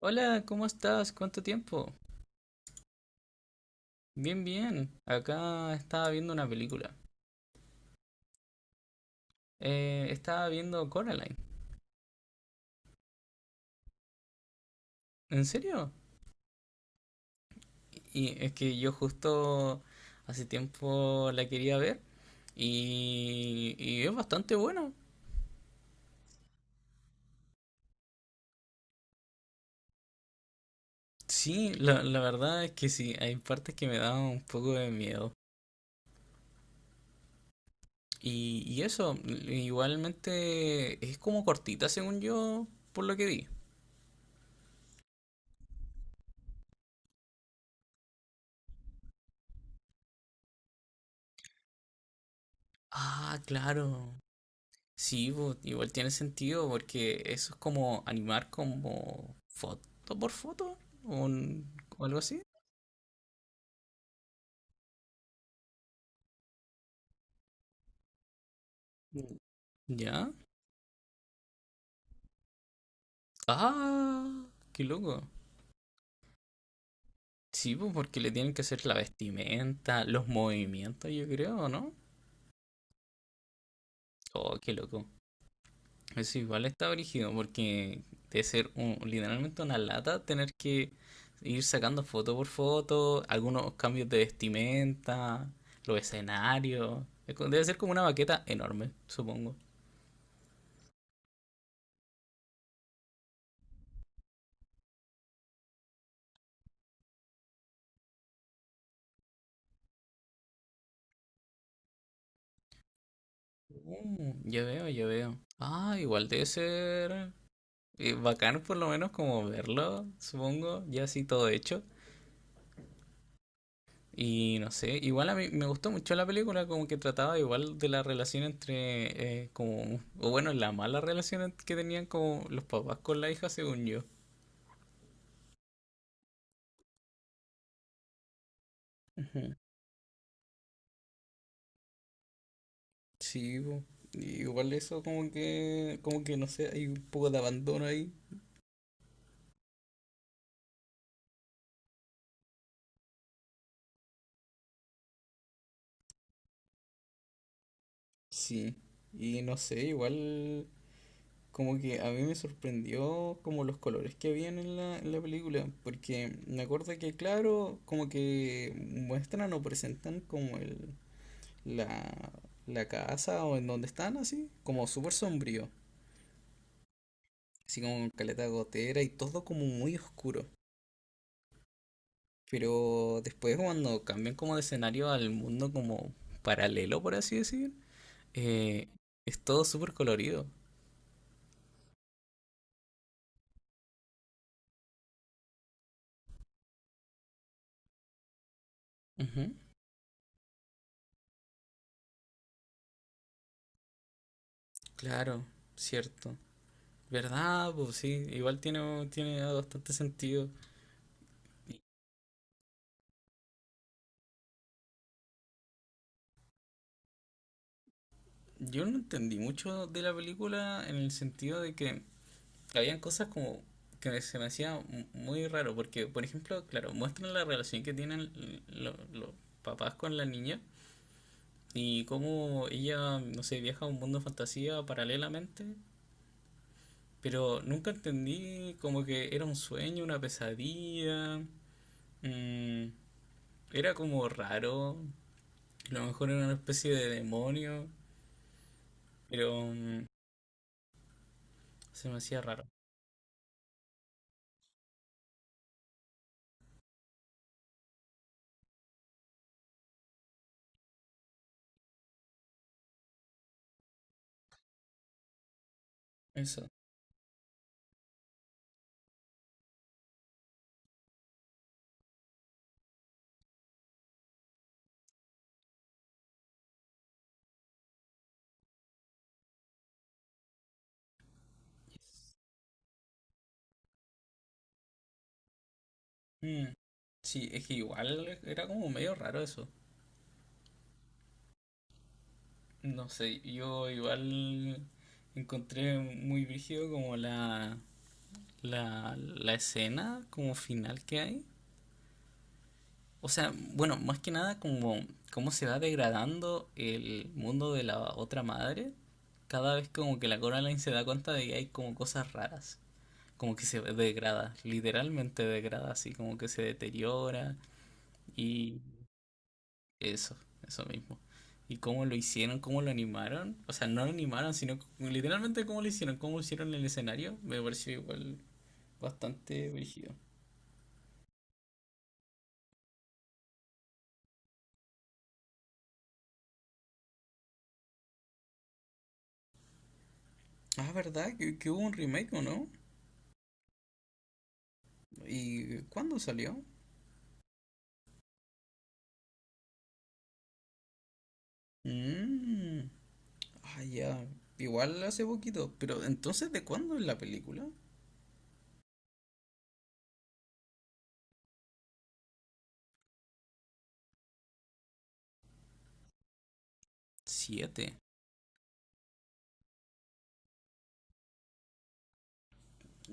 Hola, ¿cómo estás? ¿Cuánto tiempo? Bien, bien. Acá estaba viendo una película. Estaba viendo Coraline. ¿En serio? Y es que yo justo hace tiempo la quería ver y es bastante buena. Sí, la verdad es que sí, hay partes que me dan un poco de miedo. Y eso, igualmente es como cortita según yo, por lo que vi. Ah, claro. Sí, pues, igual tiene sentido porque eso es como animar como foto por foto o, un- o algo así. Mm. ¿Ya? Ah, qué loco. Sí, pues porque le tienen que hacer la vestimenta, los movimientos, yo creo, ¿no? Oh, qué loco. Eso igual está brígido, porque debe ser un- literalmente una lata tener que ir sacando foto por foto, algunos cambios de vestimenta, los escenarios. Es co- Debe ser como una maqueta enorme, supongo. Ya veo, ya veo. Ah, igual debe ser bacán por lo menos como verlo, supongo, ya así todo hecho. Y no sé, igual a mí me gustó mucho la película, como que trataba igual de la relación entre, como, o bueno, la mala relación en- que tenían como los papás con la hija, según yo. Ujú. Sí, po. Y igual eso como que no sé, hay un poco de abandono ahí. Sí. Y no sé, igual como que a mí me sorprendió como los colores que habían en en la película, porque me acuerdo que claro, como que muestran o presentan como el la, la casa o en donde están así, como súper sombrío, así como con caleta de gotera y todo como muy oscuro. Pero después cuando cambian como de escenario al mundo como paralelo, por así decir, eh, es todo súper colorido. Ujú, claro, cierto. ¿Verdad? Pues sí, igual tiene bastante sentido. Yo no entendí mucho de la película en el sentido de que habían cosas como que me- se me hacía mu- muy raro, porque, por ejemplo, claro, muestran la relación que tienen lo- los papás con la niña y cómo ella, no sé, viaja a un mundo de fantasía paralelamente, pero nunca entendí como que era un sueño, una pesadilla, mm, era como raro, a lo mejor era una especie de demonio, pero se me hacía raro. Eso. Mm. Sí, es que igual era como medio raro eso. No sé, yo igual encontré muy brígido como la escena como final que hay. O sea, bueno, más que nada como cómo se va degradando el mundo de la otra madre. Cada vez como que la Coraline se da cuenta de que hay como cosas raras. Como que se degrada, literalmente degrada, así como que se deteriora. Y Eso, eso mismo. ¿Y cómo lo hicieron? ¿Cómo lo animaron? O sea, no lo animaron, sino c- literalmente cómo lo hicieron, cómo hicieron el escenario. Me pareció igual bastante brígido. Ah, ¿verdad? Que hubo un remake, ¿o no? ¿Y cuándo salió? Mm, ah, ya. Igual hace poquito. Pero entonces, ¿de cuándo es la película? Siete.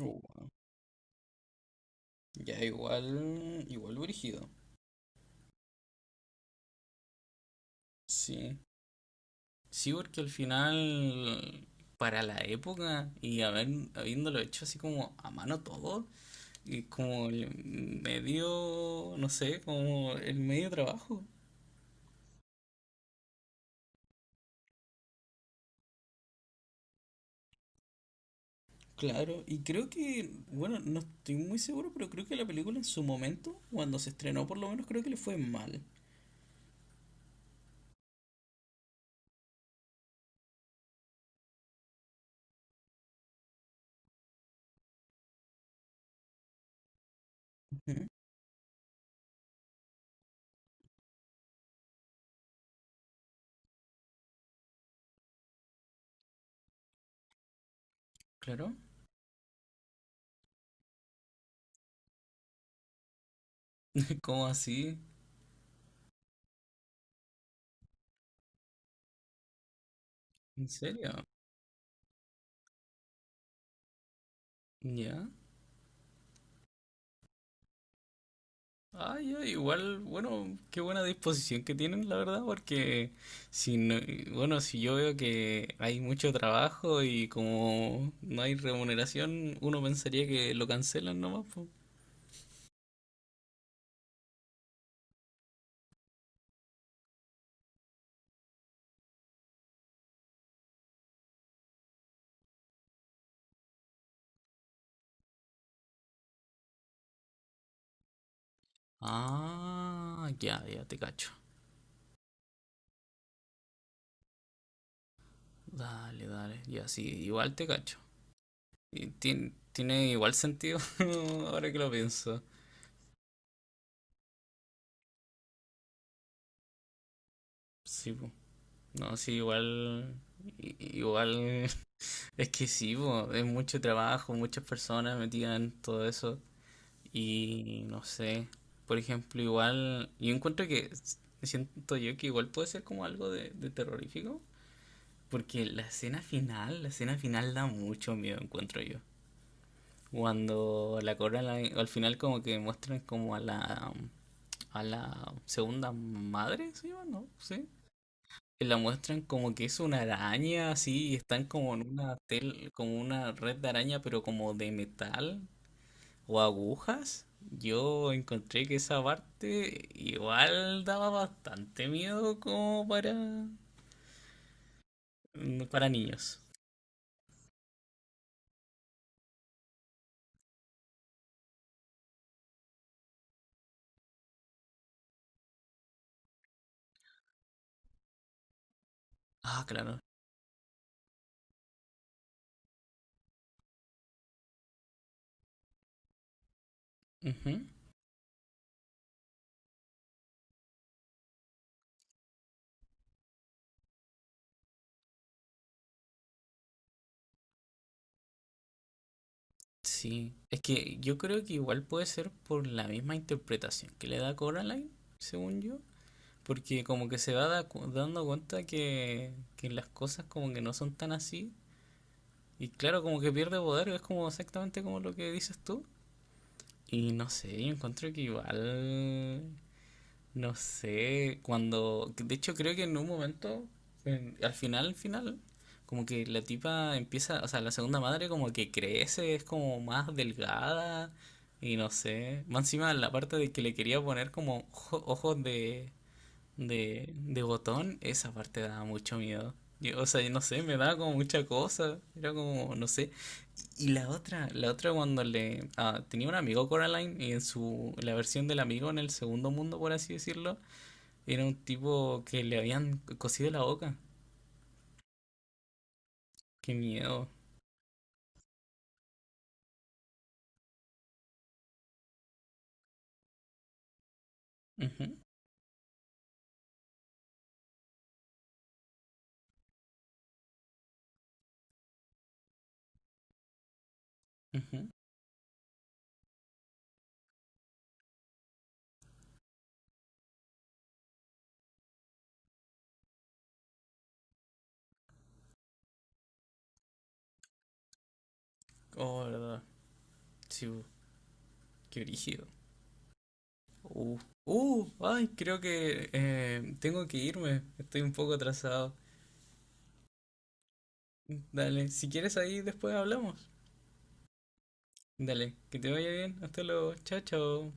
Uh, ya, igual, igual brígido. Sí. Sí, porque al final, para la época y haber, habiéndolo hecho así como a mano todo, y como el medio, no sé, como el medio trabajo, claro. Y creo que, bueno, no estoy muy seguro, pero creo que la película en su momento, cuando se estrenó por lo menos, creo que le fue mal. Ujú, claro. ¿Cómo así? ¿En serio? ¿Ya? Ah, ya, igual, bueno, qué buena disposición que tienen, la verdad, porque si no, bueno, si yo veo que hay mucho trabajo y como no hay remuneración, uno pensaría que lo cancelan nomás, po. Ah, ya, ya te cacho. Dale, dale, ya sí, igual te cacho. Y tien- tiene igual sentido ahora que lo pienso. Sí, po. No, sí, igual, i- igual, es que sí, po, es mucho trabajo, muchas personas metidas en todo eso. Y no sé, por ejemplo, igual, yo encuentro que s- siento yo que igual puede ser como algo de terrorífico, porque la escena final da mucho miedo, encuentro yo. Cuando la corona al final como que muestran como a la segunda madre, se llama, ¿no? Sí. Que la muestran como que es una araña así, y están como en una tel, como una red de araña, pero como de metal, o agujas, yo encontré que esa parte igual daba bastante miedo como para, para niños. Ah, claro. Ujú. Sí, es que yo creo que igual puede ser por la misma interpretación que le da Coraline, según yo, porque como que se va da- cu- dando cuenta que las cosas como que no son tan así, y claro, como que pierde poder, es como exactamente como lo que dices tú, y no sé, yo encuentro que igual no sé, cuando... De hecho, creo que en un momento, en- al final, como que la tipa empieza, o sea, la segunda madre como que crece, es como más delgada y no sé. Más encima la parte de que le quería poner como ojo- ojos de de botón, esa parte daba mucho miedo. Yo, o sea, yo no sé, me daba como mucha cosa. Era como, no sé. Y la otra cuando le... ah, tenía un amigo Coraline y en su, la versión del amigo en el segundo mundo, por así decirlo, era un tipo que le habían cosido la boca. Qué miedo. Ujú, ujú. Oh, verdad. Sí, bu, qué brígido. Uh, ay, creo que tengo que irme. Estoy un poco atrasado. Dale, si quieres ahí después hablamos. Dale, que te vaya bien. Hasta luego. Chao, chao.